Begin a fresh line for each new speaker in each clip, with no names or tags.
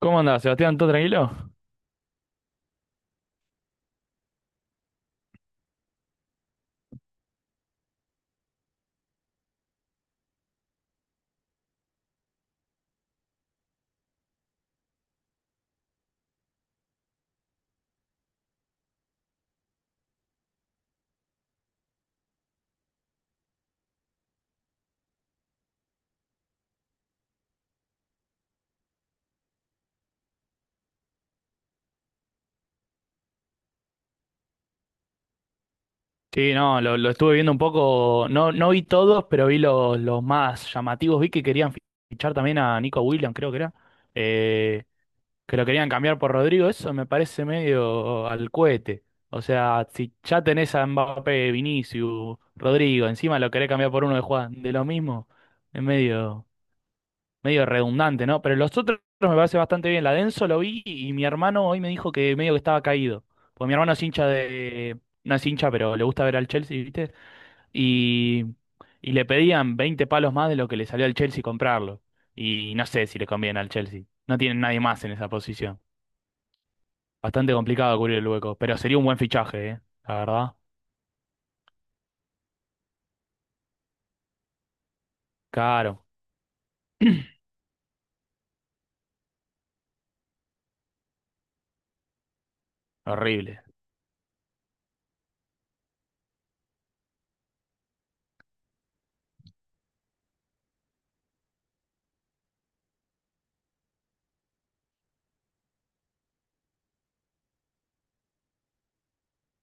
¿Cómo andás, Sebastián? ¿Todo tranquilo? Sí, no, lo estuve viendo un poco, no, no vi todos, pero vi los más llamativos. Vi que querían fichar también a Nico Williams, creo que era, eh, que lo querían cambiar por Rodrigo, eso me parece medio al cohete. O sea, si ya tenés a Mbappé, Vinicius, Rodrigo, encima lo querés cambiar por uno de Juan, de lo mismo, es medio redundante, ¿no? Pero los otros me parece bastante bien. La Denso lo vi y mi hermano hoy me dijo que medio que estaba caído. Porque mi hermano es hincha de. No es hincha, pero le gusta ver al Chelsea, ¿viste? Y, y le pedían 20 palos más de lo que le salió al Chelsea comprarlo. Y no sé si le conviene al Chelsea. No tienen nadie más en esa posición. Bastante complicado cubrir el hueco. Pero sería un buen fichaje, ¿eh? La verdad. Caro. Horrible.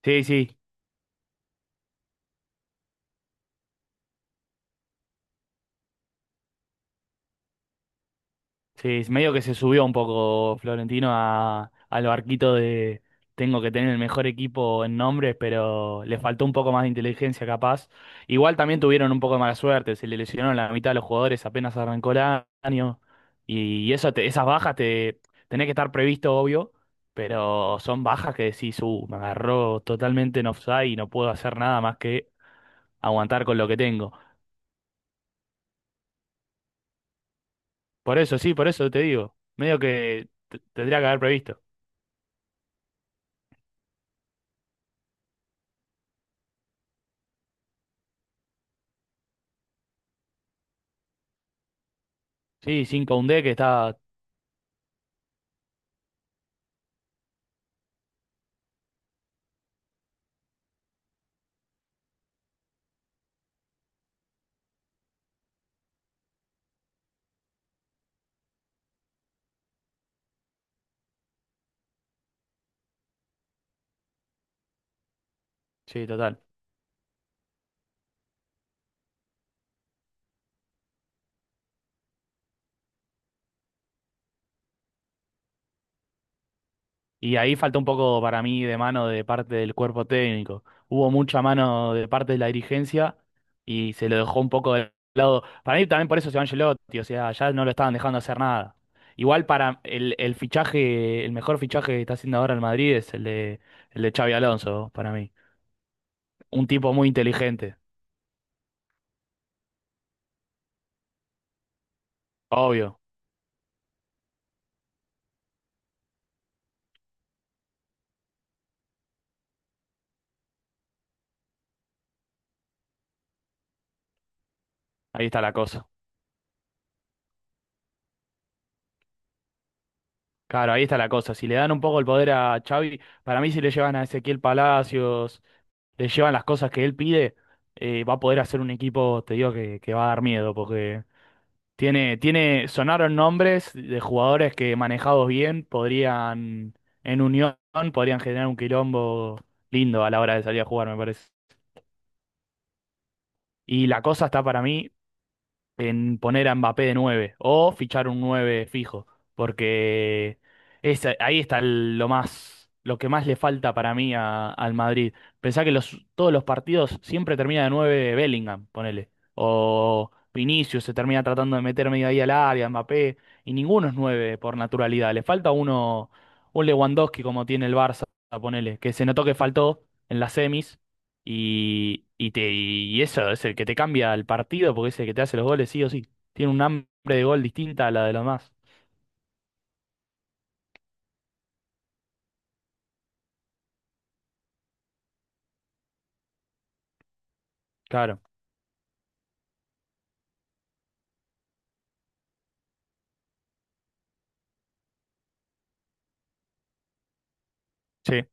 Sí, sí. Sí, es medio que se subió un poco Florentino a, al barquito de tengo que tener el mejor equipo en nombres, pero le faltó un poco más de inteligencia capaz. Igual también tuvieron un poco de mala suerte, se le lesionaron la mitad de los jugadores apenas arrancó el año y esas bajas te tenés que estar previsto, obvio, pero son bajas que decís, me agarró totalmente en offside y no puedo hacer nada más que aguantar con lo que tengo. Por eso, sí, por eso te digo, medio que tendría que haber previsto. Sí, sin Koundé que está, sí, total. Y ahí falta un poco para mí de mano de parte del cuerpo técnico. Hubo mucha mano de parte de la dirigencia y se lo dejó un poco de lado. Para mí también por eso se va Ancelotti, o sea, ya no lo estaban dejando hacer nada. Igual para el fichaje, el mejor fichaje que está haciendo ahora el Madrid es el de Xavi Alonso, para mí. Un tipo muy inteligente, obvio. Ahí está la cosa. Claro, ahí está la cosa. Si le dan un poco el poder a Xavi, para mí si le llevan a Ezequiel Palacios le llevan las cosas que él pide, va a poder hacer un equipo, te digo, que va a dar miedo, porque tiene, sonaron nombres de jugadores que manejados bien podrían, en unión, podrían generar un quilombo lindo a la hora de salir a jugar, me parece. Y la cosa está para mí en poner a Mbappé de 9 o fichar un 9 fijo, porque es, ahí está lo más, lo que más le falta para mí al Madrid. Pensá que todos los partidos siempre termina de 9 Bellingham, ponele, o Vinicius se termina tratando de meter media ahí al área, Mbappé, y ninguno es 9 por naturalidad. Le falta uno, un Lewandowski como tiene el Barça, ponele, que se notó que faltó en las semis. Y eso es el que te cambia el partido porque es el que te hace los goles, sí o sí. Tiene un hambre de gol distinta a la de los demás. Claro, sí,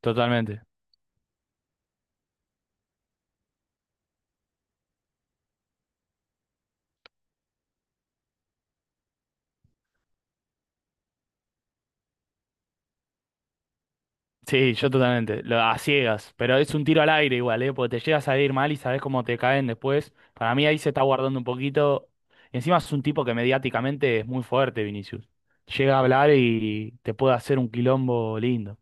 totalmente. Sí, yo totalmente. A ciegas, pero es un tiro al aire igual, ¿eh? Porque te llegas a ir mal y sabes cómo te caen después. Para mí ahí se está guardando un poquito. Encima es un tipo que mediáticamente es muy fuerte, Vinicius. Llega a hablar y te puede hacer un quilombo lindo.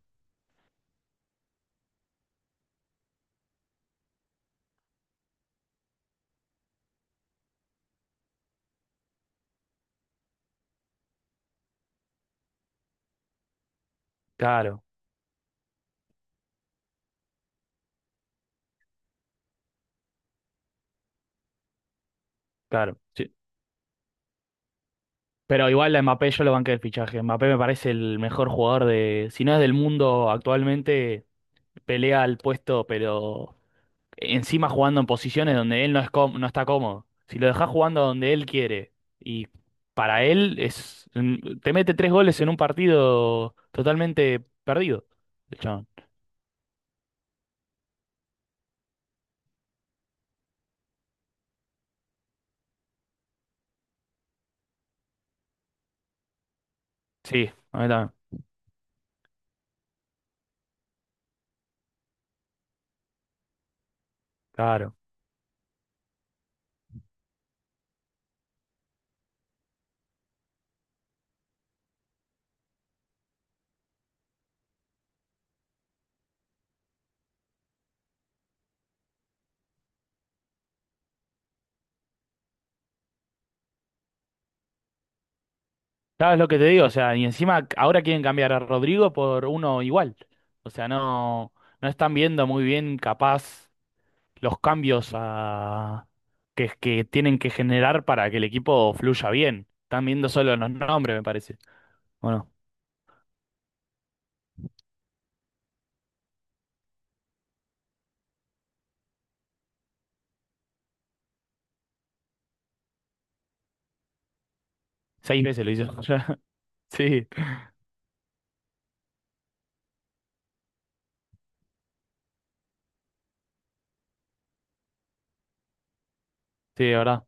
Claro, claro. Pero igual a Mbappé yo lo banqué el fichaje. Mbappé me parece el mejor jugador de, si no es del mundo actualmente, pelea al puesto, pero encima jugando en posiciones donde él no es no está cómodo. Si lo dejás jugando donde él quiere y para él es te mete tres goles en un partido totalmente perdido, el chabón. Sí, a mí también. Claro. ¿Sabes lo que te digo? O sea, y encima ahora quieren cambiar a Rodrigo por uno igual. O sea, no, están viendo muy bien capaz. Los cambios que tienen que generar para que el equipo fluya bien. Están viendo solo los nombres, me parece. Bueno, seis veces lo hizo. Ya. Sí, sí, de verdad.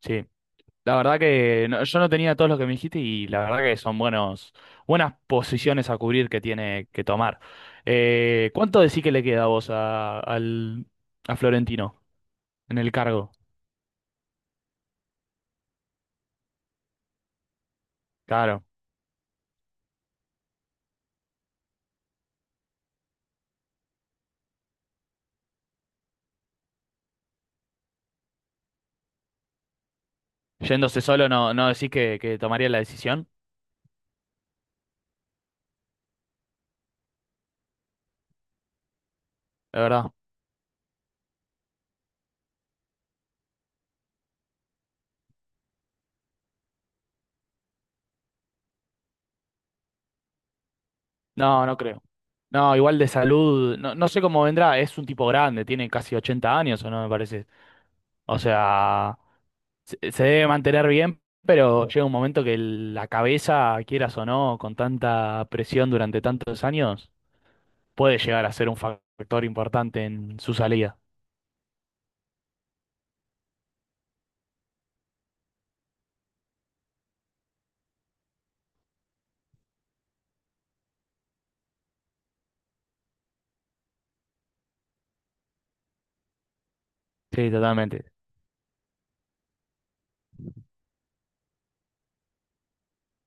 Sí. La verdad que yo no tenía todos los que me dijiste y la verdad que son buenos, buenas posiciones a cubrir que tiene que tomar. ¿Cuánto decís que le queda a vos a Florentino en el cargo? Claro. Yéndose solo, no, no decís que tomaría la decisión, la verdad. No, no creo. No, igual de salud, no, no sé cómo vendrá, es un tipo grande, tiene casi 80 años o no, me parece. O sea, se debe mantener bien, pero llega un momento que el- la cabeza, quieras o no, con tanta presión durante tantos años, puede llegar a ser un factor importante en su salida. Sí, totalmente.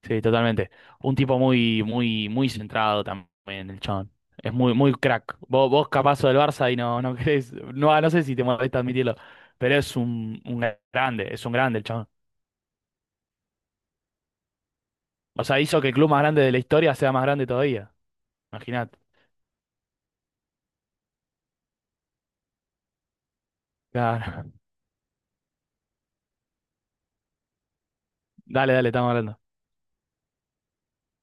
Sí, totalmente. Un tipo muy, muy, muy centrado también, el chabón. Es muy, muy crack. Vos capazo del Barça y no, no querés, no, no sé si te molesta admitirlo, pero es un grande, es un grande el chabón. O sea, hizo que el club más grande de la historia sea más grande todavía. Imaginate. Claro. Dale, dale, estamos hablando.